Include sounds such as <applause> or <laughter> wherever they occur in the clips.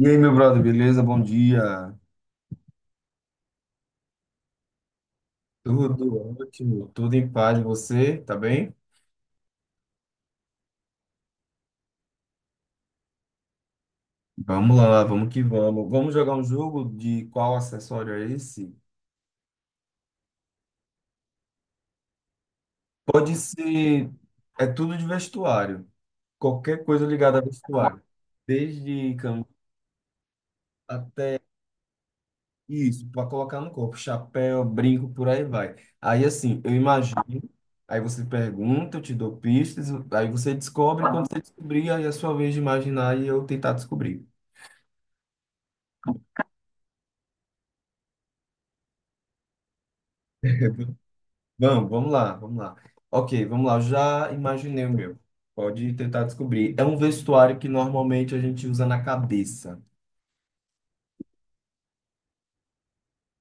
E aí, meu brother, beleza? Bom dia. Tudo ótimo, tudo em paz. E você, tá bem? Vamos lá, vamos que vamos. Vamos jogar um jogo de qual acessório é esse? Pode ser, é tudo de vestuário. Qualquer coisa ligada a vestuário. Desde camisa até isso, para colocar no corpo, chapéu, brinco, por aí vai. Aí assim, eu imagino, aí você pergunta, eu te dou pistas, aí você descobre, quando você descobrir, aí é a sua vez de imaginar e eu tentar descobrir. Vamos, vamos lá. Ok, vamos lá. Eu já imaginei o meu. Pode tentar descobrir. É um vestuário que normalmente a gente usa na cabeça.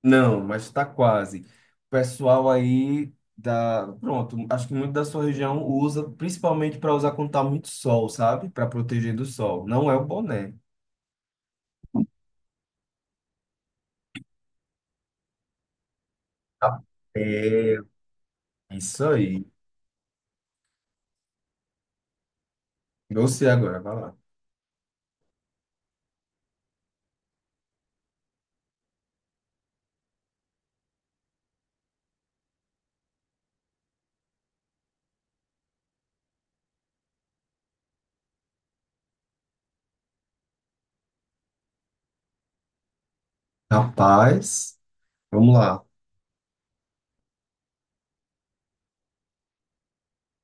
Não, mas tá quase. O pessoal aí da. Pronto, acho que muito da sua região usa, principalmente para usar quando tá muito sol, sabe? Para proteger do sol. Não é o boné. Tá. É isso aí. Você agora, vai lá. Rapaz, vamos lá.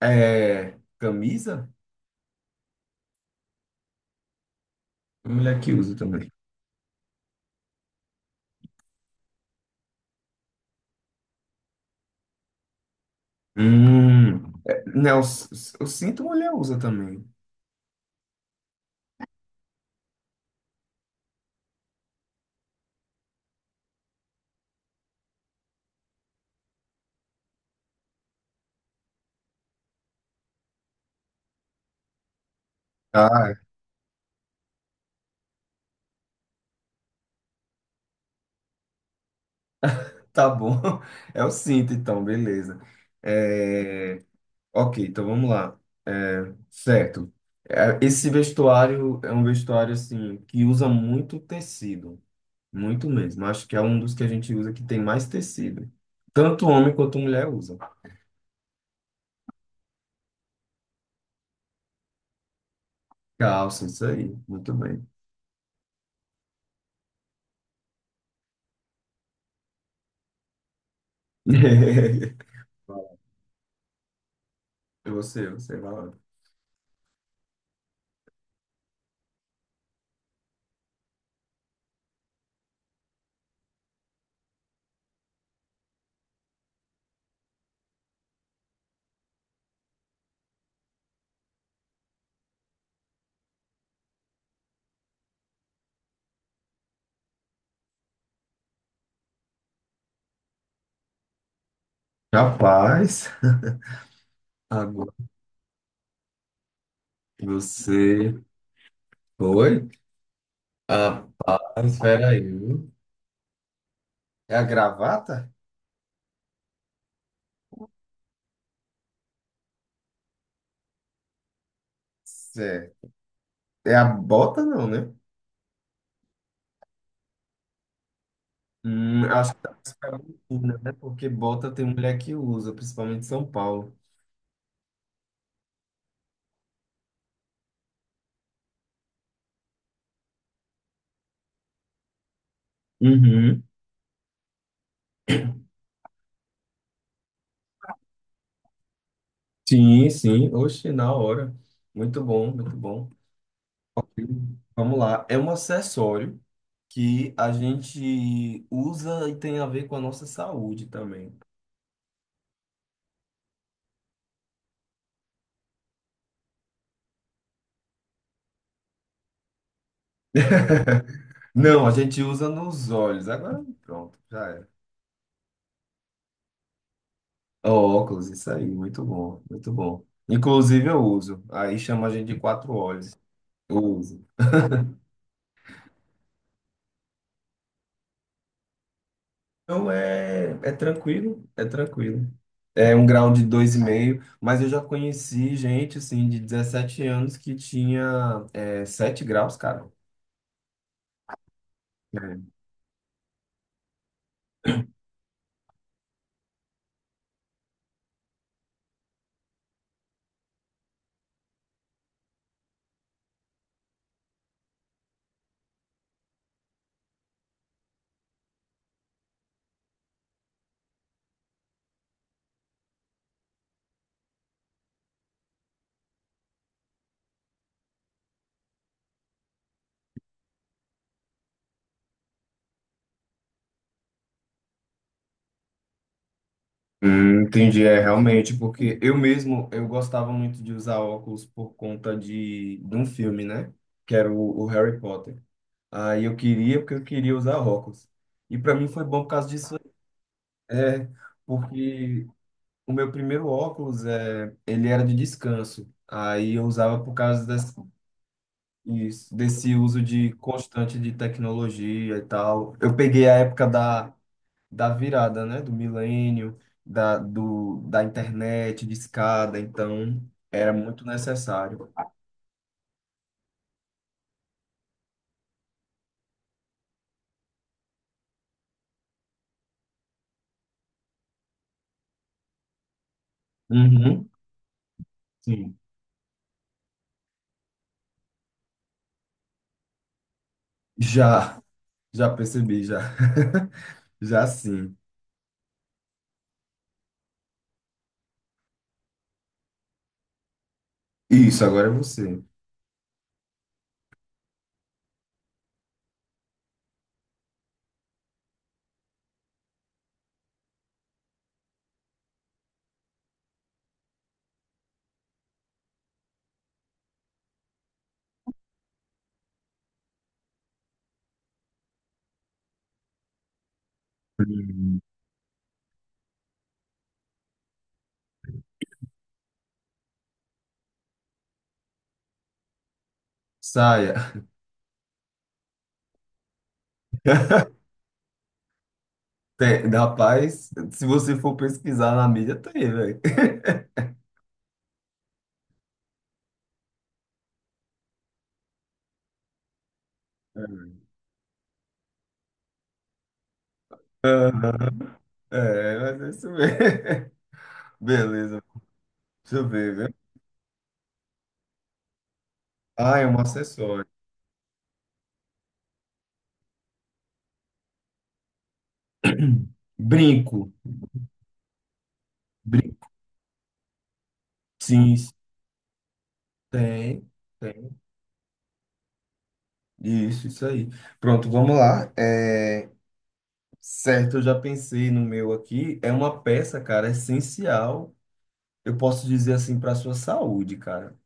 É camisa? Mulher que usa também. É, não, o cinto mulher usa também. Ah, é. Tá bom. <laughs> É o cinto, então, beleza. É, ok, então vamos lá. É, certo. É, esse vestuário é um vestuário assim que usa muito tecido, muito mesmo. Acho que é um dos que a gente usa que tem mais tecido. Tanto homem quanto mulher usa. Calça, isso aí. Muito bem. <laughs> Você vai lá. Rapaz, agora você foi. Rapaz, espera aí, viu? É a gravata? Certo. É a bota, não, né? Acho que tá mais pra Minas, né? Porque bota tem mulher que usa, principalmente em São Paulo. Uhum. Sim, sim. Oxe, na hora. Muito bom, muito bom. Ok. Vamos lá. É um acessório que a gente usa e tem a ver com a nossa saúde também. Não, a gente usa nos olhos. Agora pronto, já era. Óculos, isso aí, muito bom, muito bom. Inclusive eu uso, aí chama a gente de quatro olhos, eu uso. Então é, é tranquilo, é tranquilo. É um grau de dois e meio, mas eu já conheci gente, assim, de 17 anos que tinha é, 7 graus, cara. É. Entendi, é realmente, porque eu mesmo, eu gostava muito de usar óculos por conta de um filme, né? Que era o Harry Potter. Aí eu queria, porque eu queria usar óculos. E pra mim foi bom por causa disso. É, porque o meu primeiro óculos, é, ele era de descanso. Aí eu usava por causa desse, isso, desse uso de constante de tecnologia e tal. Eu peguei a época da, da virada, né? Do milênio, da internet, de escada então era muito necessário. Uhum, sim. Já, já percebi, já. <laughs> Já sim. Isso, agora é você. Hum, Saia. <laughs> Tem, rapaz, se você for pesquisar na mídia, tem, velho. <laughs> Aham, é, mas é isso mesmo. <laughs> Beleza, deixa eu ver, viu? Ah, é um acessório. <clears throat> Brinco. Brinco. Sim, tem, tem. Isso aí. Pronto, vamos lá. É, certo, eu já pensei no meu aqui. É uma peça, cara, essencial. Eu posso dizer assim para sua saúde, cara.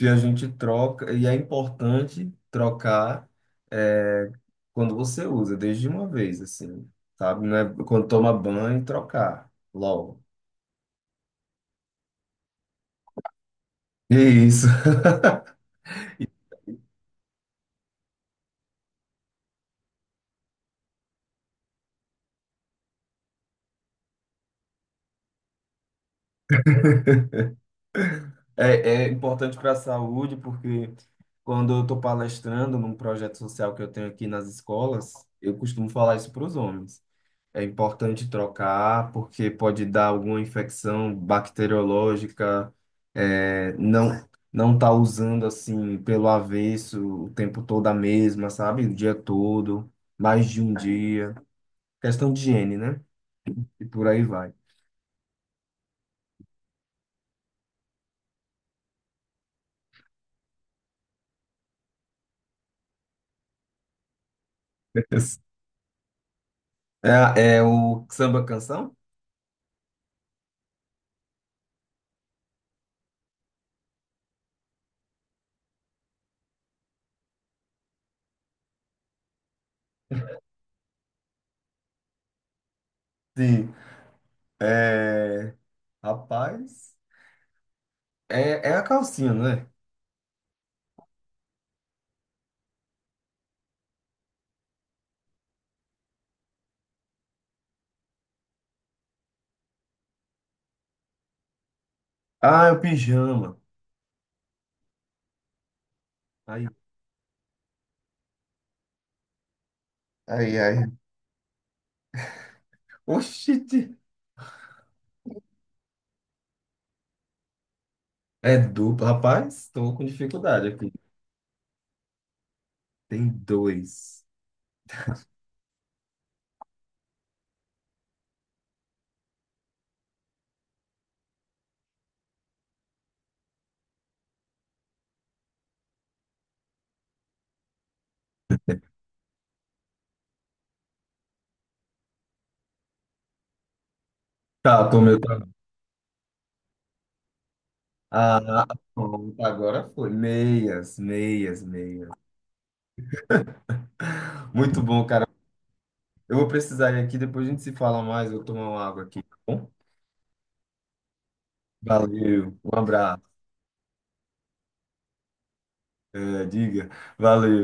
E a gente troca, e é importante trocar, é, quando você usa, desde uma vez, assim, sabe? Não é quando toma banho, trocar logo. E é isso. <laughs> É, é importante para a saúde, porque quando eu estou palestrando num projeto social que eu tenho aqui nas escolas, eu costumo falar isso para os homens. É importante trocar, porque pode dar alguma infecção bacteriológica, é, não tá usando assim pelo avesso o tempo todo a mesma, sabe? O dia todo, mais de um dia. Questão de higiene, né? E por aí vai. <laughs> É, é o samba canção? Sim. É, rapaz, é, é a calcinha, né? Ah, é o pijama. Aí, ai, ai. Oxi, é duplo, rapaz, tô com dificuldade aqui. Tem dois. Tá, tô meu tá. Ah, pronto, agora foi. Meias, meias, meias. Muito bom, cara. Eu vou precisar ir aqui, depois a gente se fala mais. Eu vou tomar uma água aqui, tá bom? Valeu, um abraço. É, diga, valeu.